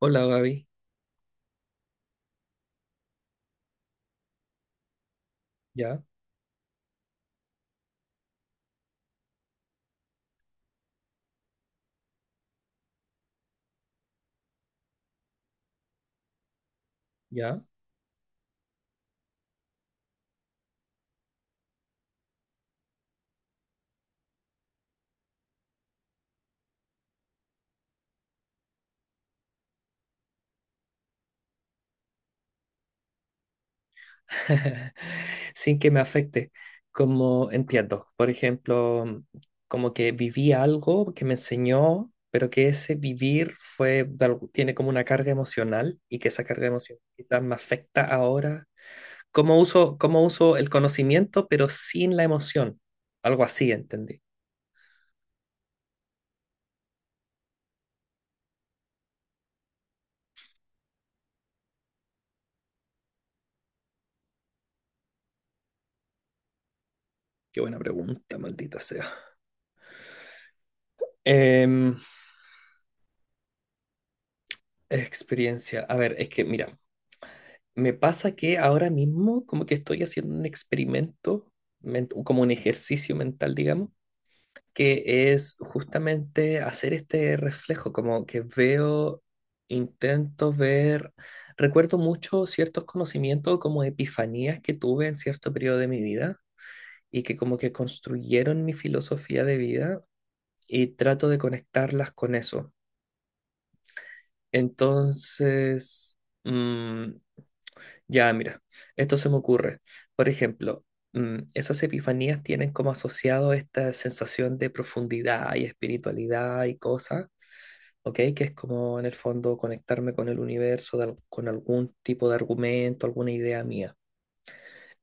Hola Gaby, ya, ya, sin que me afecte, como entiendo, por ejemplo, como que viví algo que me enseñó, pero que ese vivir fue, tiene como una carga emocional y que esa carga emocional quizás me afecta ahora, cómo uso el conocimiento, pero sin la emoción, algo así, entendí. Qué buena pregunta, maldita sea. Em, Experiencia, a ver, es que mira. Me pasa que ahora mismo como que estoy haciendo un experimento, como un ejercicio mental, digamos, que es justamente hacer este reflejo, como que veo, intento ver, recuerdo mucho ciertos conocimientos como epifanías que tuve en cierto periodo de mi vida y que como que construyeron mi filosofía de vida y trato de conectarlas con eso. Entonces... mm, ya, mira, esto se me ocurre. Por ejemplo, esas epifanías tienen como asociado esta sensación de profundidad y espiritualidad y cosas, ¿ok? Que es como en el fondo conectarme con el universo, con algún tipo de argumento, alguna idea mía.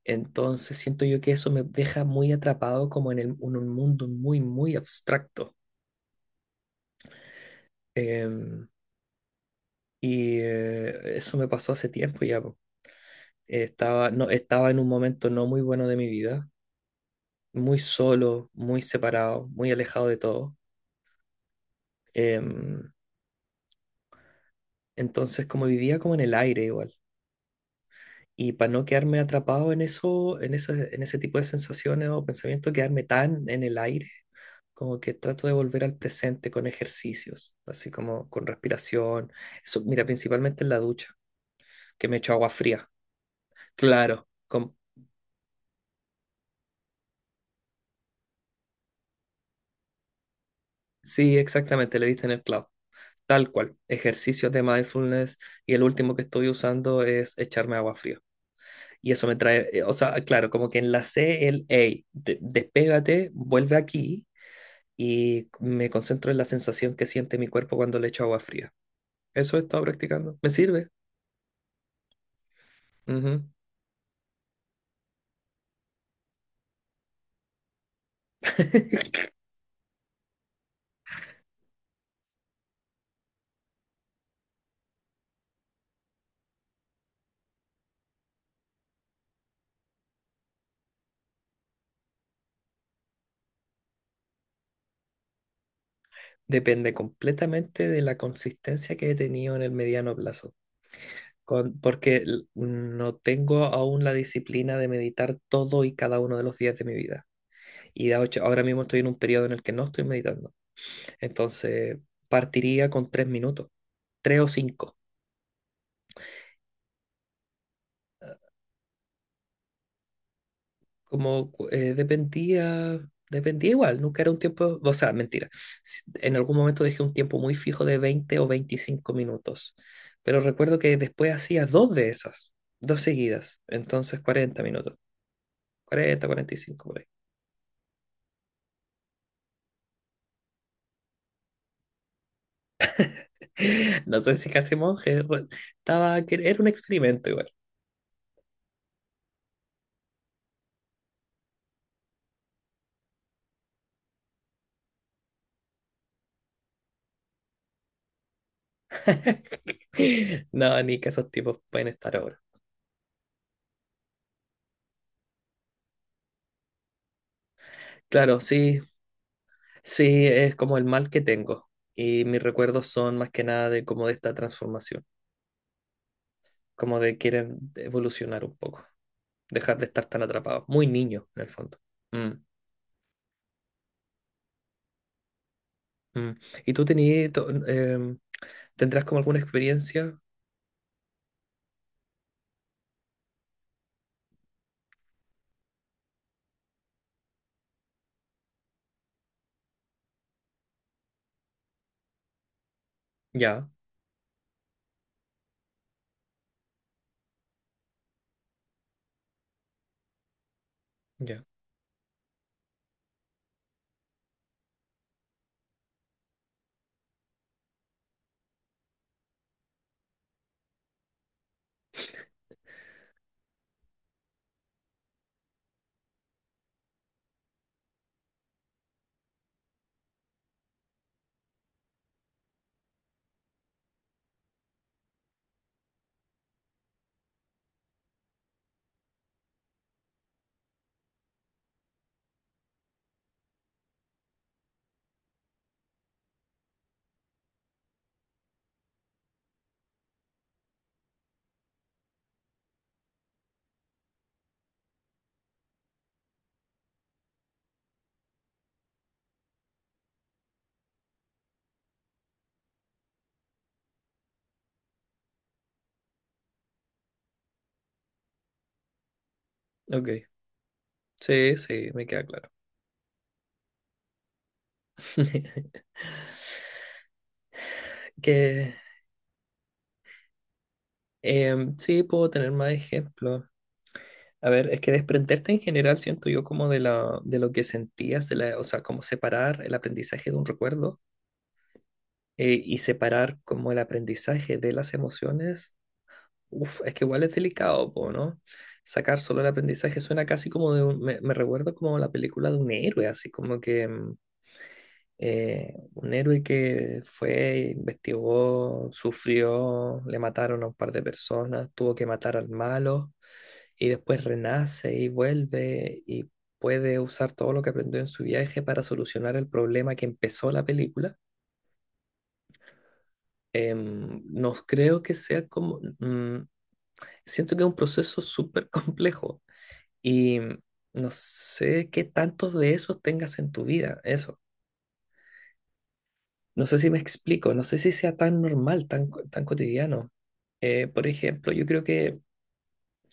Entonces siento yo que eso me deja muy atrapado como en, en un mundo muy, muy abstracto. Em, y eso me pasó hace tiempo ya, po. Estaba, no, estaba en un momento no muy bueno de mi vida, muy solo, muy separado, muy alejado de todo. Em, entonces, como vivía como en el aire igual. Y para no quedarme atrapado en eso, en ese tipo de sensaciones o pensamientos, quedarme tan en el aire, como que trato de volver al presente con ejercicios, así como con respiración. Eso, mira, principalmente en la ducha, que me echo agua fría. Claro, sí, exactamente, le diste en el clavo. Tal cual, ejercicios de mindfulness y el último que estoy usando es echarme agua fría. Y eso me trae, o sea, claro, como que enlacé el, hey, despégate, vuelve aquí, y me concentro en la sensación que siente mi cuerpo cuando le echo agua fría. Eso he estado practicando. ¿Me sirve? Ujú. Depende completamente de la consistencia que he tenido en el mediano plazo. Porque no tengo aún la disciplina de meditar todo y cada uno de los días de mi vida. Y de hecho, ahora mismo estoy en un periodo en el que no estoy meditando. Entonces, partiría con 3 minutos, tres o cinco. Como dependía, igual, nunca era un tiempo, o sea, mentira. En algún momento dejé un tiempo muy fijo de 20 o 25 minutos, pero recuerdo que después hacía dos de esas, dos seguidas, entonces 40 minutos, 40, 45 por ahí. No sé si casi monje, estaba, que era un experimento igual. No, ni que esos tipos pueden estar ahora. Claro, sí, sí, es como el mal que tengo. Y mis recuerdos son más que nada de como de esta transformación. Como de querer evolucionar un poco, dejar de estar tan atrapado, muy niño en el fondo. Mm, mm. ¿Y tú tenías, tendrás como alguna experiencia? Ya, ya, ok. Sí, sí, me queda claro. Que sí, puedo tener más ejemplos. A ver, es que desprenderte en general siento yo como de, la, de lo que sentías, de la, o sea, como separar el aprendizaje de un recuerdo, y separar como el aprendizaje de las emociones. Uf, es que igual es delicado, po, ¿no? Sacar solo el aprendizaje suena casi como de un, me recuerdo como la película de un héroe, así como que un héroe que fue, investigó, sufrió, le mataron a un par de personas, tuvo que matar al malo y después renace y vuelve y puede usar todo lo que aprendió en su viaje para solucionar el problema que empezó la película. No creo que sea como, siento que es un proceso súper complejo. Y no sé qué tantos de esos tengas en tu vida, eso. No sé si me explico, no sé si sea tan normal, tan, tan cotidiano. Por ejemplo, yo creo que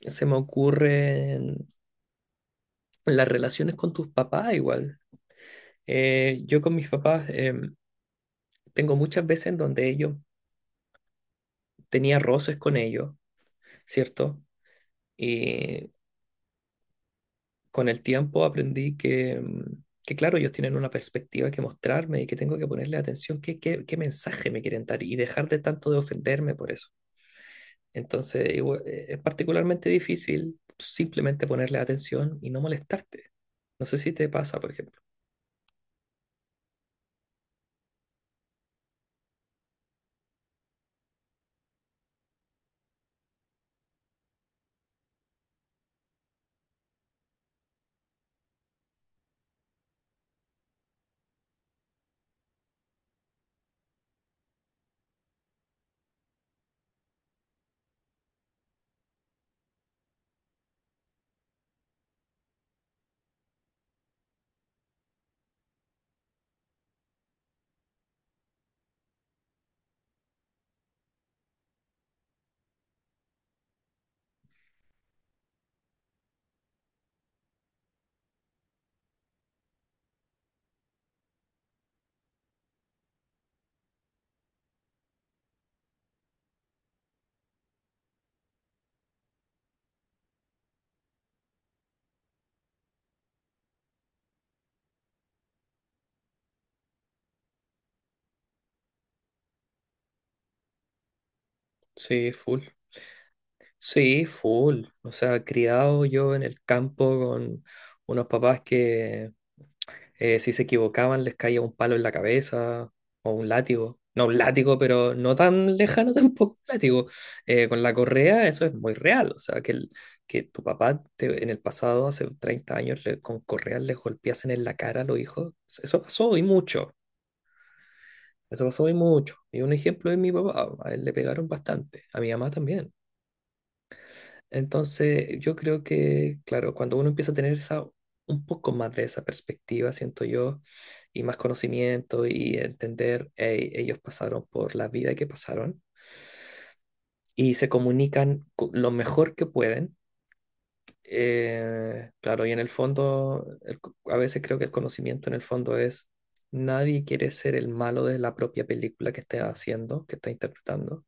se me ocurren las relaciones con tus papás igual. Yo con mis papás tengo muchas veces en donde ellos tenía roces con ellos, ¿cierto? Y con el tiempo aprendí que, que, claro, ellos tienen una perspectiva que mostrarme y que tengo que ponerle atención qué mensaje me quieren dar y dejar de tanto de ofenderme por eso. Entonces, es particularmente difícil simplemente ponerle atención y no molestarte. No sé si te pasa, por ejemplo. Sí, full. Sí, full. O sea, criado yo en el campo con unos papás que... si se equivocaban, les caía un palo en la cabeza o un látigo. No, un látigo, pero no tan lejano tampoco un látigo. Con la correa eso es muy real. O sea, que, que tu papá en el pasado, hace 30 años, con correas les golpeasen en la cara a los hijos. Eso pasó y mucho. Eso pasó y mucho. Y un ejemplo es mi papá. A él le pegaron bastante. A mi mamá también. Entonces, yo creo que, claro, cuando uno empieza a tener esa, un poco más de esa perspectiva, siento yo, y más conocimiento y entender, "Ey, ellos pasaron por la vida que pasaron y se comunican lo mejor que pueden. Claro, y en el fondo, a veces creo que el conocimiento en el fondo es, nadie quiere ser el malo de la propia película que esté haciendo, que está interpretando.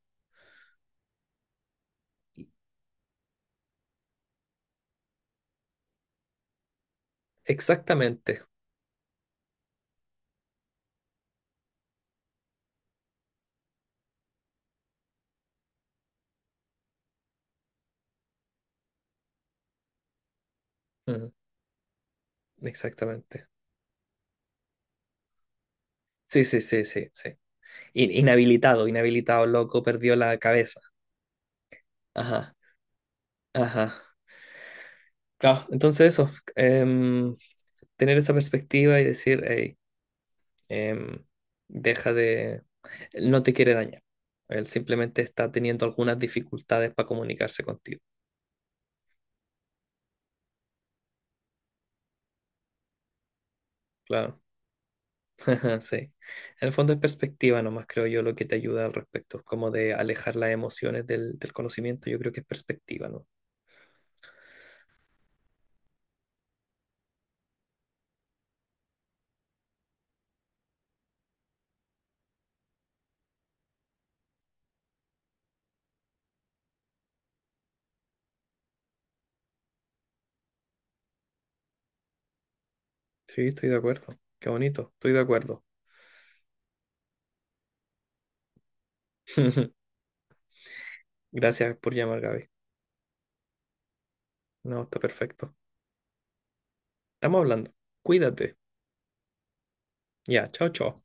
Exactamente. Mm, Exactamente. Sí, sí, sí, sí, sí. Inhabilitado loco, perdió la cabeza. Ajá, ajá. Claro, entonces eso, em, tener esa perspectiva y decir, hey, em, deja de, él no te quiere dañar. Él simplemente está teniendo algunas dificultades para comunicarse contigo. Claro, sí. En el fondo es perspectiva nomás, creo yo, lo que te ayuda al respecto, como de alejar las emociones del, del conocimiento, yo creo que es perspectiva, ¿no? Sí, estoy de acuerdo. Qué bonito, estoy de acuerdo. Gracias por llamar, Gaby. No, está perfecto. Estamos hablando. Cuídate. Ya, chao, chao.